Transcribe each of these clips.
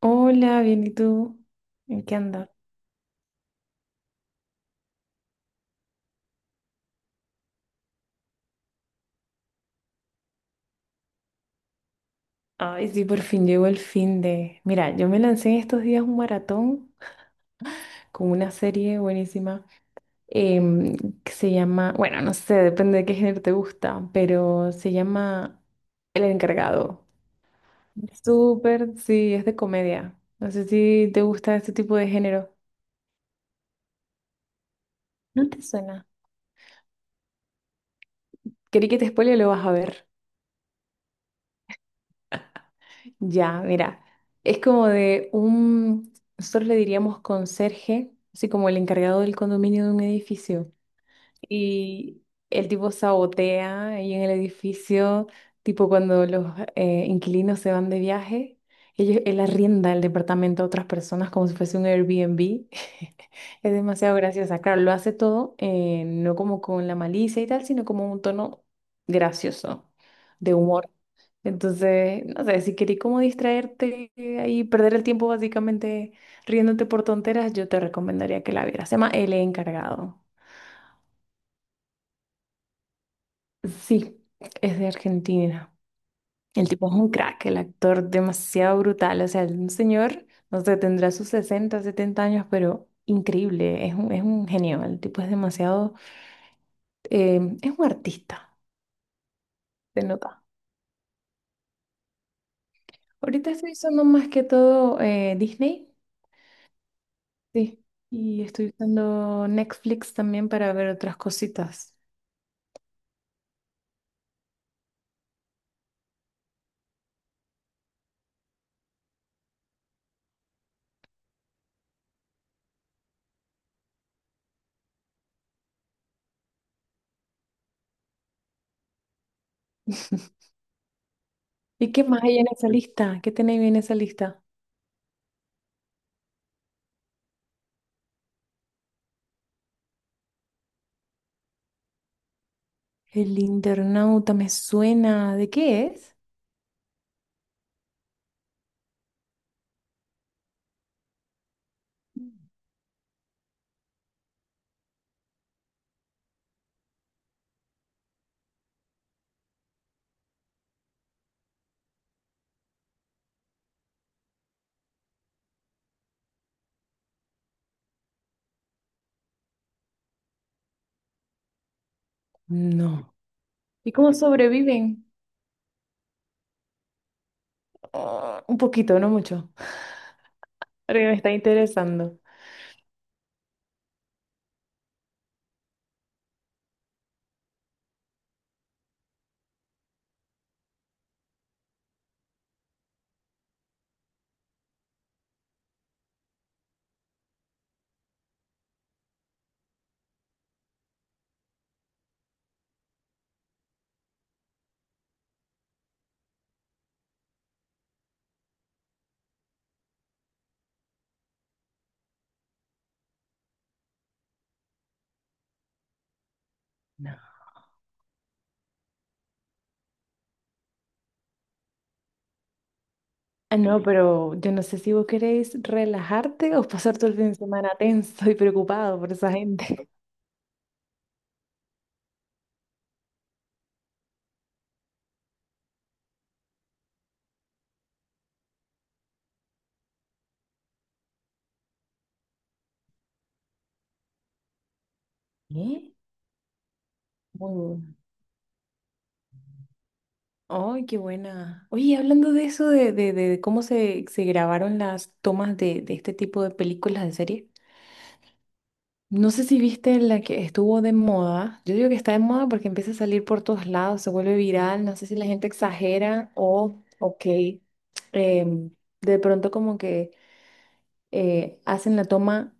Hola, bien, ¿y tú? ¿En qué andas? Ay, sí, por fin llegó el fin de. Mira, yo me lancé en estos días un maratón con una serie buenísima em, que se llama, bueno, no sé, depende de qué género te gusta, pero se llama El Encargado. Súper, sí, es de comedia. No sé si te gusta este tipo de género. ¿No te suena? Quería que te spoile, lo vas a ver. Ya, mira, es como de nosotros le diríamos conserje, así como el encargado del condominio de un edificio. Y el tipo sabotea ahí en el edificio, tipo cuando los inquilinos se van de viaje, él arrienda el departamento a otras personas como si fuese un Airbnb. Es demasiado graciosa. Claro, lo hace todo, no como con la malicia y tal, sino como un tono gracioso, de humor. Entonces, no sé, si querí como distraerte ahí, perder el tiempo básicamente riéndote por tonteras, yo te recomendaría que la vieras. Se llama El Encargado. Sí, es de Argentina. El tipo es un crack, el actor demasiado brutal. O sea, un señor, no sé, tendrá sus 60 70 años, pero increíble. Es un genio. El tipo es demasiado es un artista, se nota. Ahorita estoy usando más que todo Disney, sí, y estoy usando Netflix también para ver otras cositas. ¿Y qué más hay en esa lista? ¿Qué tenéis en esa lista? El internauta me suena. ¿De qué es? No. ¿Y cómo sobreviven? Ah, un poquito, no mucho. Porque me está interesando. No. Ah, no, pero yo no sé si vos queréis relajarte o pasar todo el fin de semana tenso y preocupado por esa gente. ¿Eh? Muy buena. ¡Ay, qué buena! Oye, y hablando de eso, de cómo se grabaron las tomas de este tipo de películas, de series, no sé si viste la que estuvo de moda. Yo digo que está de moda porque empieza a salir por todos lados, se vuelve viral, no sé si la gente exagera o, ok, em, de pronto como que hacen la toma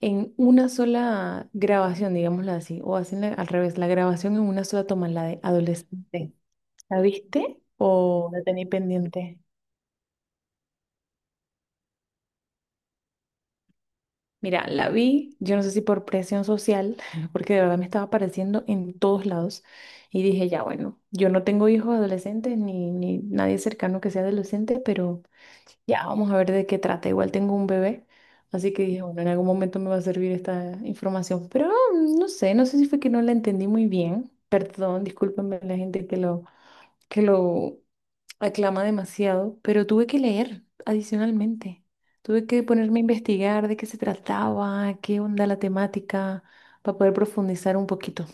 en una sola grabación, digámoslo así, o hacen al revés, la grabación en una sola toma, la de adolescente. ¿La viste o la tenéis pendiente? Mira, la vi, yo no sé si por presión social, porque de verdad me estaba apareciendo en todos lados. Y dije, ya bueno, yo no tengo hijos adolescentes ni nadie cercano que sea adolescente, pero ya vamos a ver de qué trata. Igual tengo un bebé, así que dije, bueno, en algún momento me va a servir esta información. Pero no sé, no sé si fue que no la entendí muy bien. Perdón, discúlpenme la gente que lo aclama demasiado, pero tuve que leer adicionalmente. Tuve que ponerme a investigar de qué se trataba, qué onda la temática, para poder profundizar un poquito.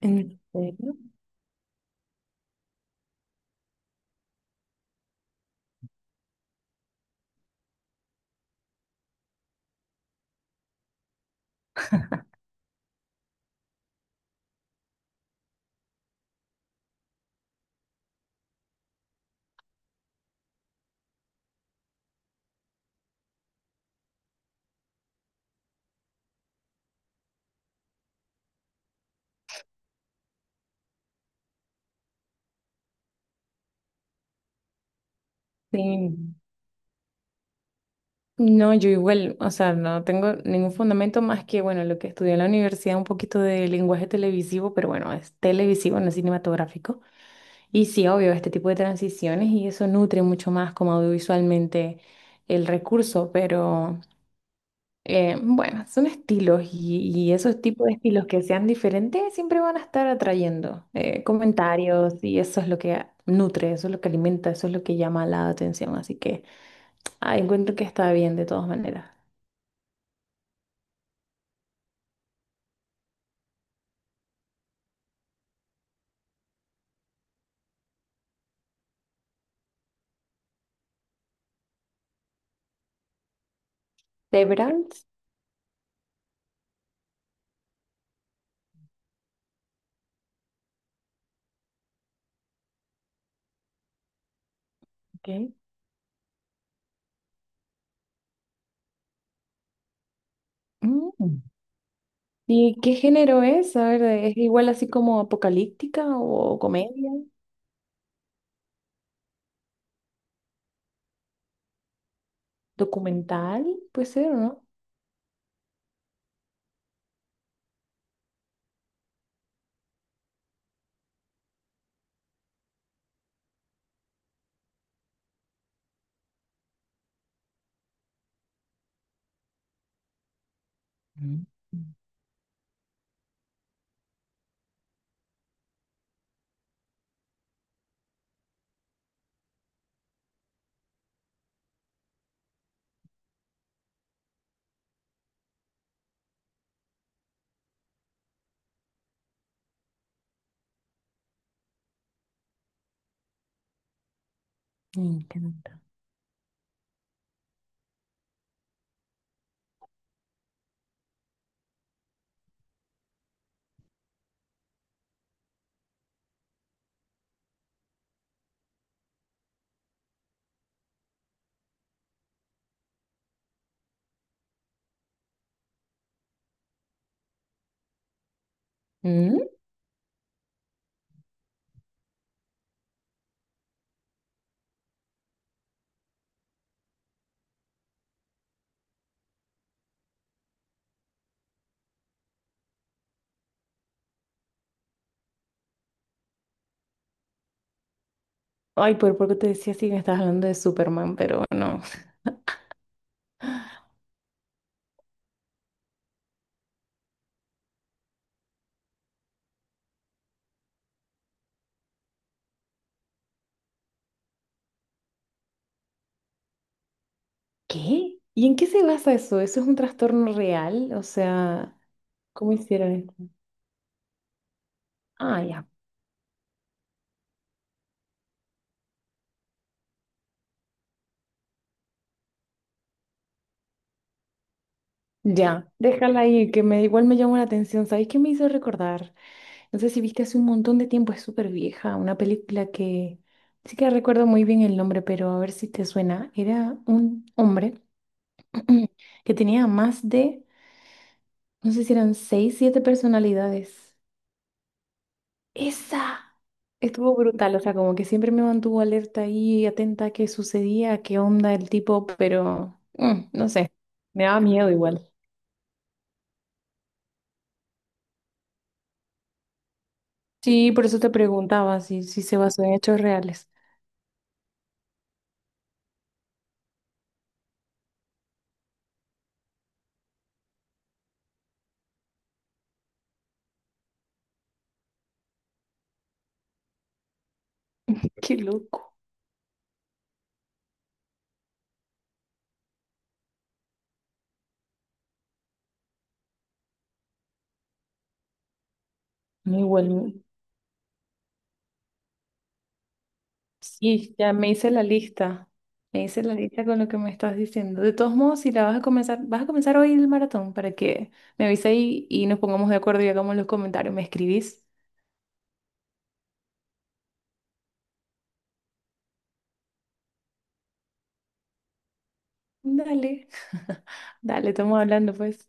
¿En serio? Sí. No, yo igual, o sea, no tengo ningún fundamento más que, bueno, lo que estudié en la universidad, un poquito de lenguaje televisivo, pero bueno, es televisivo, no es cinematográfico. Y sí, obvio, este tipo de transiciones y eso nutre mucho más como audiovisualmente el recurso, pero... bueno, son estilos y esos tipos de estilos que sean diferentes siempre van a estar atrayendo comentarios y eso es lo que nutre, eso es lo que alimenta, eso es lo que llama la atención. Así que ah, encuentro que está bien de todas maneras. The Brands, ok. Mm. ¿Y qué género es? A ver, ¿es igual así como apocalíptica o comedia? ¿Documental? Puede ser, ¿o no? Mm. Me encanta. Mm. Ay, por poco te decía si me estabas hablando de Superman, pero no. ¿Qué? ¿Y en qué se basa eso? ¿Eso es un trastorno real? O sea, ¿cómo hicieron esto? Ah, ya. Ya, déjala ahí, que me, igual me llamó la atención. ¿Sabéis qué me hizo recordar? No sé si viste hace un montón de tiempo, es súper vieja, una película que sí que recuerdo muy bien el nombre, pero a ver si te suena. Era un hombre que tenía más de, no sé si eran seis, siete personalidades. Esa estuvo brutal, o sea, como que siempre me mantuvo alerta y atenta a qué sucedía, a qué onda el tipo, pero no sé, me daba miedo igual. Sí, por eso te preguntaba si se basó en hechos reales. Qué loco. No, igual, sí, ya me hice la lista. Me hice la lista con lo que me estás diciendo. De todos modos, si la vas a comenzar hoy el maratón para que me avise ahí y nos pongamos de acuerdo y hagamos los comentarios. ¿Me escribís? Dale, dale, estamos hablando pues.